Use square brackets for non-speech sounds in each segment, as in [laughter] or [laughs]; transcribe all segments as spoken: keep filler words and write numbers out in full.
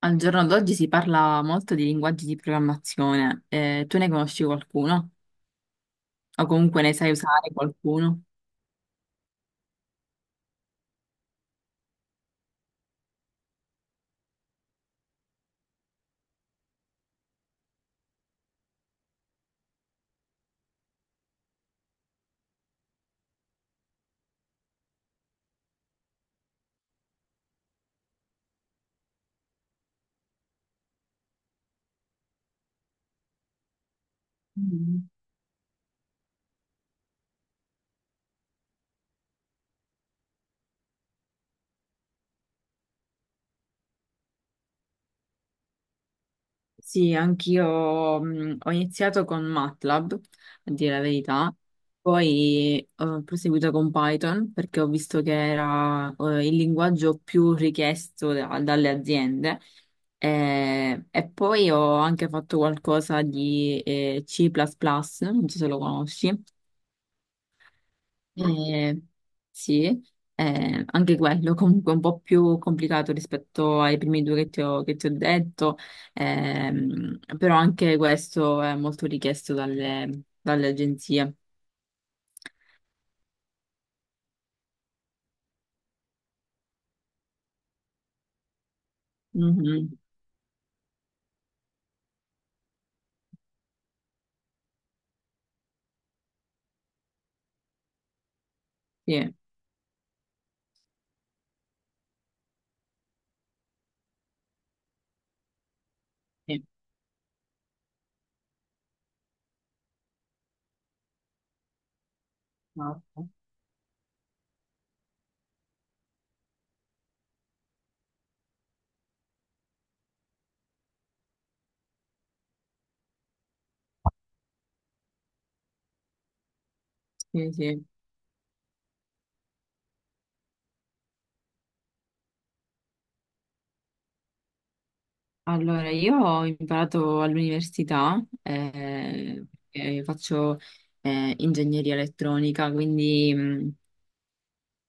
Al giorno d'oggi si parla molto di linguaggi di programmazione. Eh, tu ne conosci qualcuno? O comunque ne sai usare qualcuno? Mm. Sì, anch'io mh, ho iniziato con MATLAB, a dire la verità, poi eh, ho proseguito con Python perché ho visto che era eh, il linguaggio più richiesto da- dalle aziende. Eh, e poi ho anche fatto qualcosa di eh, C plus plus, non so se lo conosci. Eh, sì, eh, anche quello [laughs] comunque un po' più complicato rispetto ai primi due che ti ho, che ti ho detto, ehm, però anche questo è molto richiesto dalle, dalle agenzie. Mhm. Sì, sì, esatto. Sì, sì. Allora, io ho imparato all'università, eh, perché faccio eh, ingegneria elettronica, quindi mh,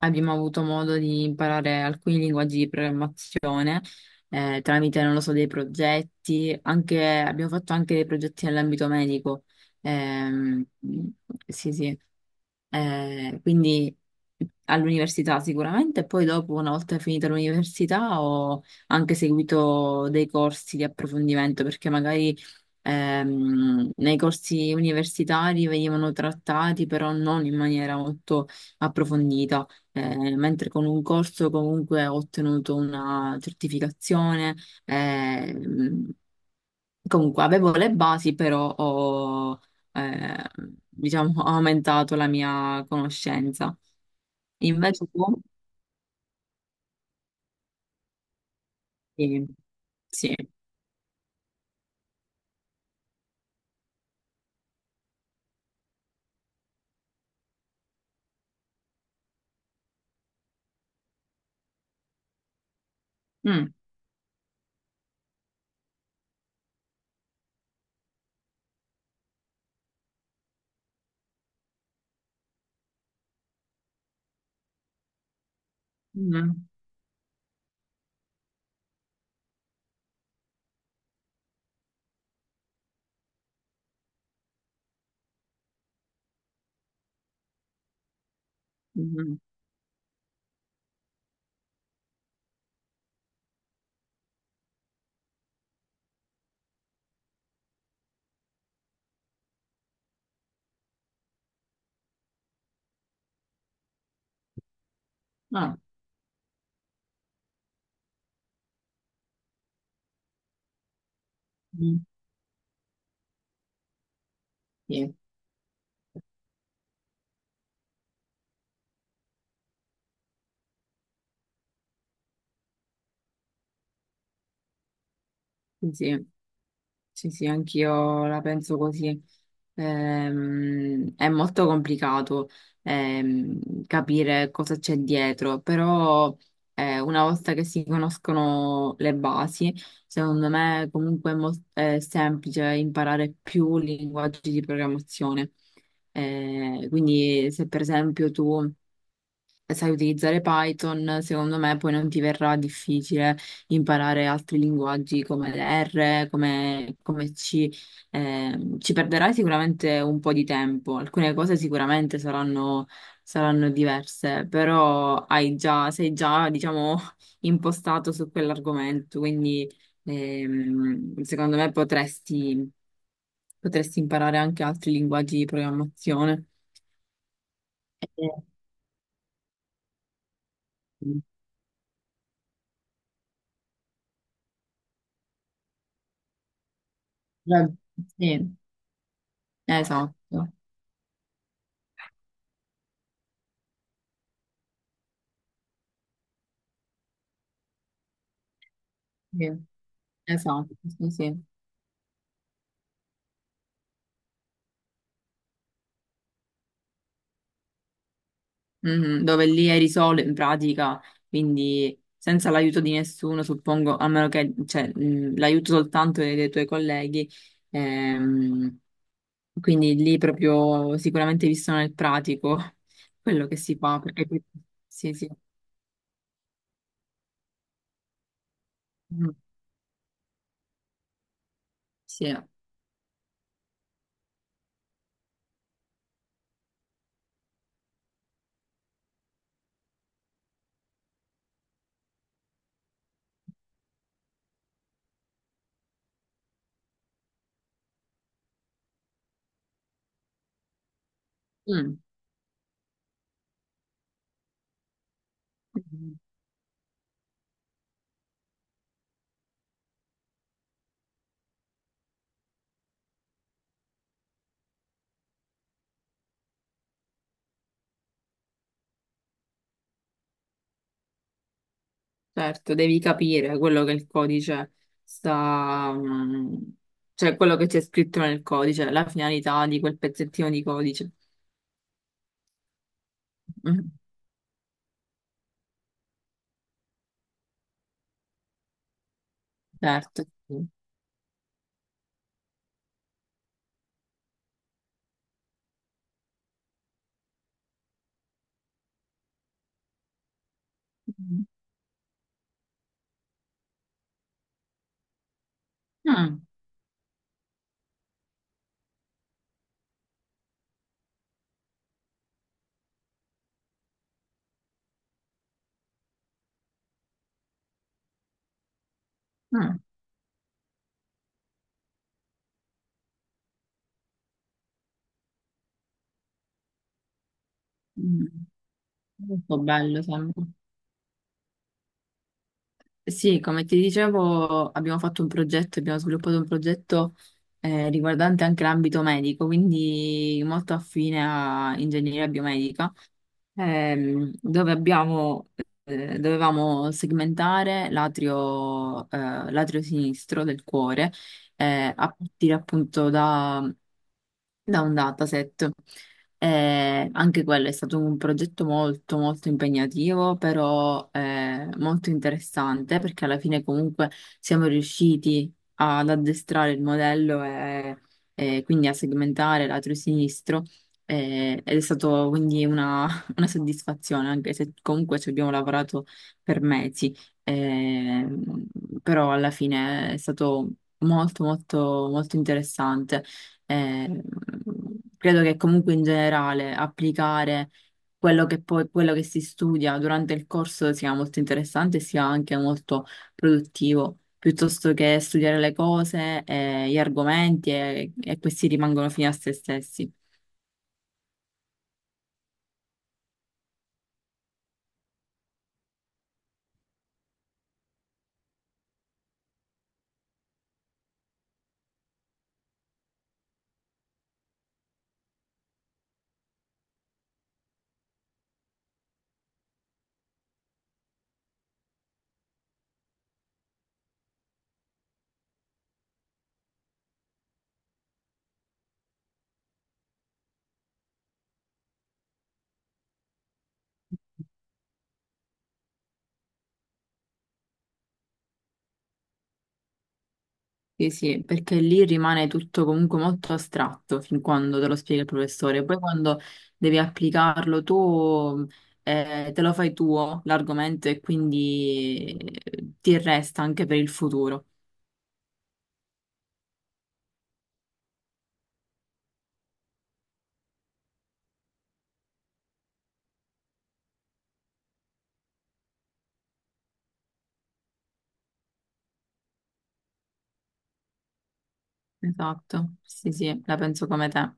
abbiamo avuto modo di imparare alcuni linguaggi di programmazione eh, tramite, non lo so, dei progetti, anche- abbiamo fatto anche dei progetti nell'ambito medico. Ehm, sì, sì. Eh, quindi all'università sicuramente, e poi dopo, una volta finita l'università, ho anche seguito dei corsi di approfondimento, perché magari ehm, nei corsi universitari venivano trattati, però non in maniera molto approfondita, eh, mentre con un corso comunque ho ottenuto una certificazione. ehm, Comunque avevo le basi, però ho, eh, diciamo, ho aumentato la mia conoscenza. Invece tu? Sì, sì. Mm, mm, mm, mm. Ah, mm, sì, sì. Sì. Sì, sì, anch'io la penso così. Ehm, è molto complicato ehm, capire cosa c'è dietro, però eh, una volta che si conoscono le basi, secondo me comunque è, mol- è semplice imparare più linguaggi di programmazione. Eh, quindi se per esempio tu sai utilizzare Python, secondo me poi non ti verrà difficile imparare altri linguaggi come erre, come, come ci. Ehm, ci perderai sicuramente un po' di tempo, alcune cose sicuramente saranno, saranno diverse, però hai già, sei già, diciamo, [laughs] impostato su quell'argomento, quindi ehm, secondo me potresti, potresti imparare anche altri linguaggi di programmazione. Eh, sì. Esatto, sì, esatto, sì, sì. Mhm. Dove lì eri solo in pratica, quindi senza l'aiuto di nessuno, suppongo, a meno che, cioè, mh, l'aiuto soltanto dei, dei tuoi colleghi, ehm, quindi lì proprio sicuramente visto nel pratico [laughs] quello che si fa, perché poi- Sì, sì. Mm, sì. Mm. Certo, devi capire quello che il codice sta, mm, cioè quello che c'è scritto nel codice, la finalità di quel pezzettino di codice. Mm, certo. Sì. Mm, mm, mm. Molto bello, sembra. Sì, come ti dicevo, abbiamo fatto un progetto, abbiamo sviluppato un progetto eh, riguardante anche l'ambito medico, quindi molto affine a ingegneria biomedica. ehm, dove abbiamo, eh, dovevamo segmentare l'atrio eh, l'atrio sinistro del cuore, eh, a partire appunto da, da un dataset. Eh, anche quello è stato un progetto molto molto impegnativo, però eh, molto interessante perché alla fine comunque siamo riusciti ad addestrare il modello e, e quindi a segmentare lato sinistro eh, ed è stato quindi una, [laughs] una soddisfazione, anche se comunque ci abbiamo lavorato per mesi, eh, però alla fine è stato molto molto molto interessante. Eh, Credo che comunque in generale applicare quello che poi, quello che si studia durante il corso sia molto interessante e sia anche molto produttivo, piuttosto che studiare le cose, eh, gli argomenti e, e questi rimangono fini a se stessi. Sì, sì, perché lì rimane tutto comunque molto astratto fin quando te lo spiega il professore. Poi quando devi applicarlo tu, eh, te lo fai tuo l'argomento e quindi eh, ti resta anche per il futuro. Esatto, sì, sì, la penso come te.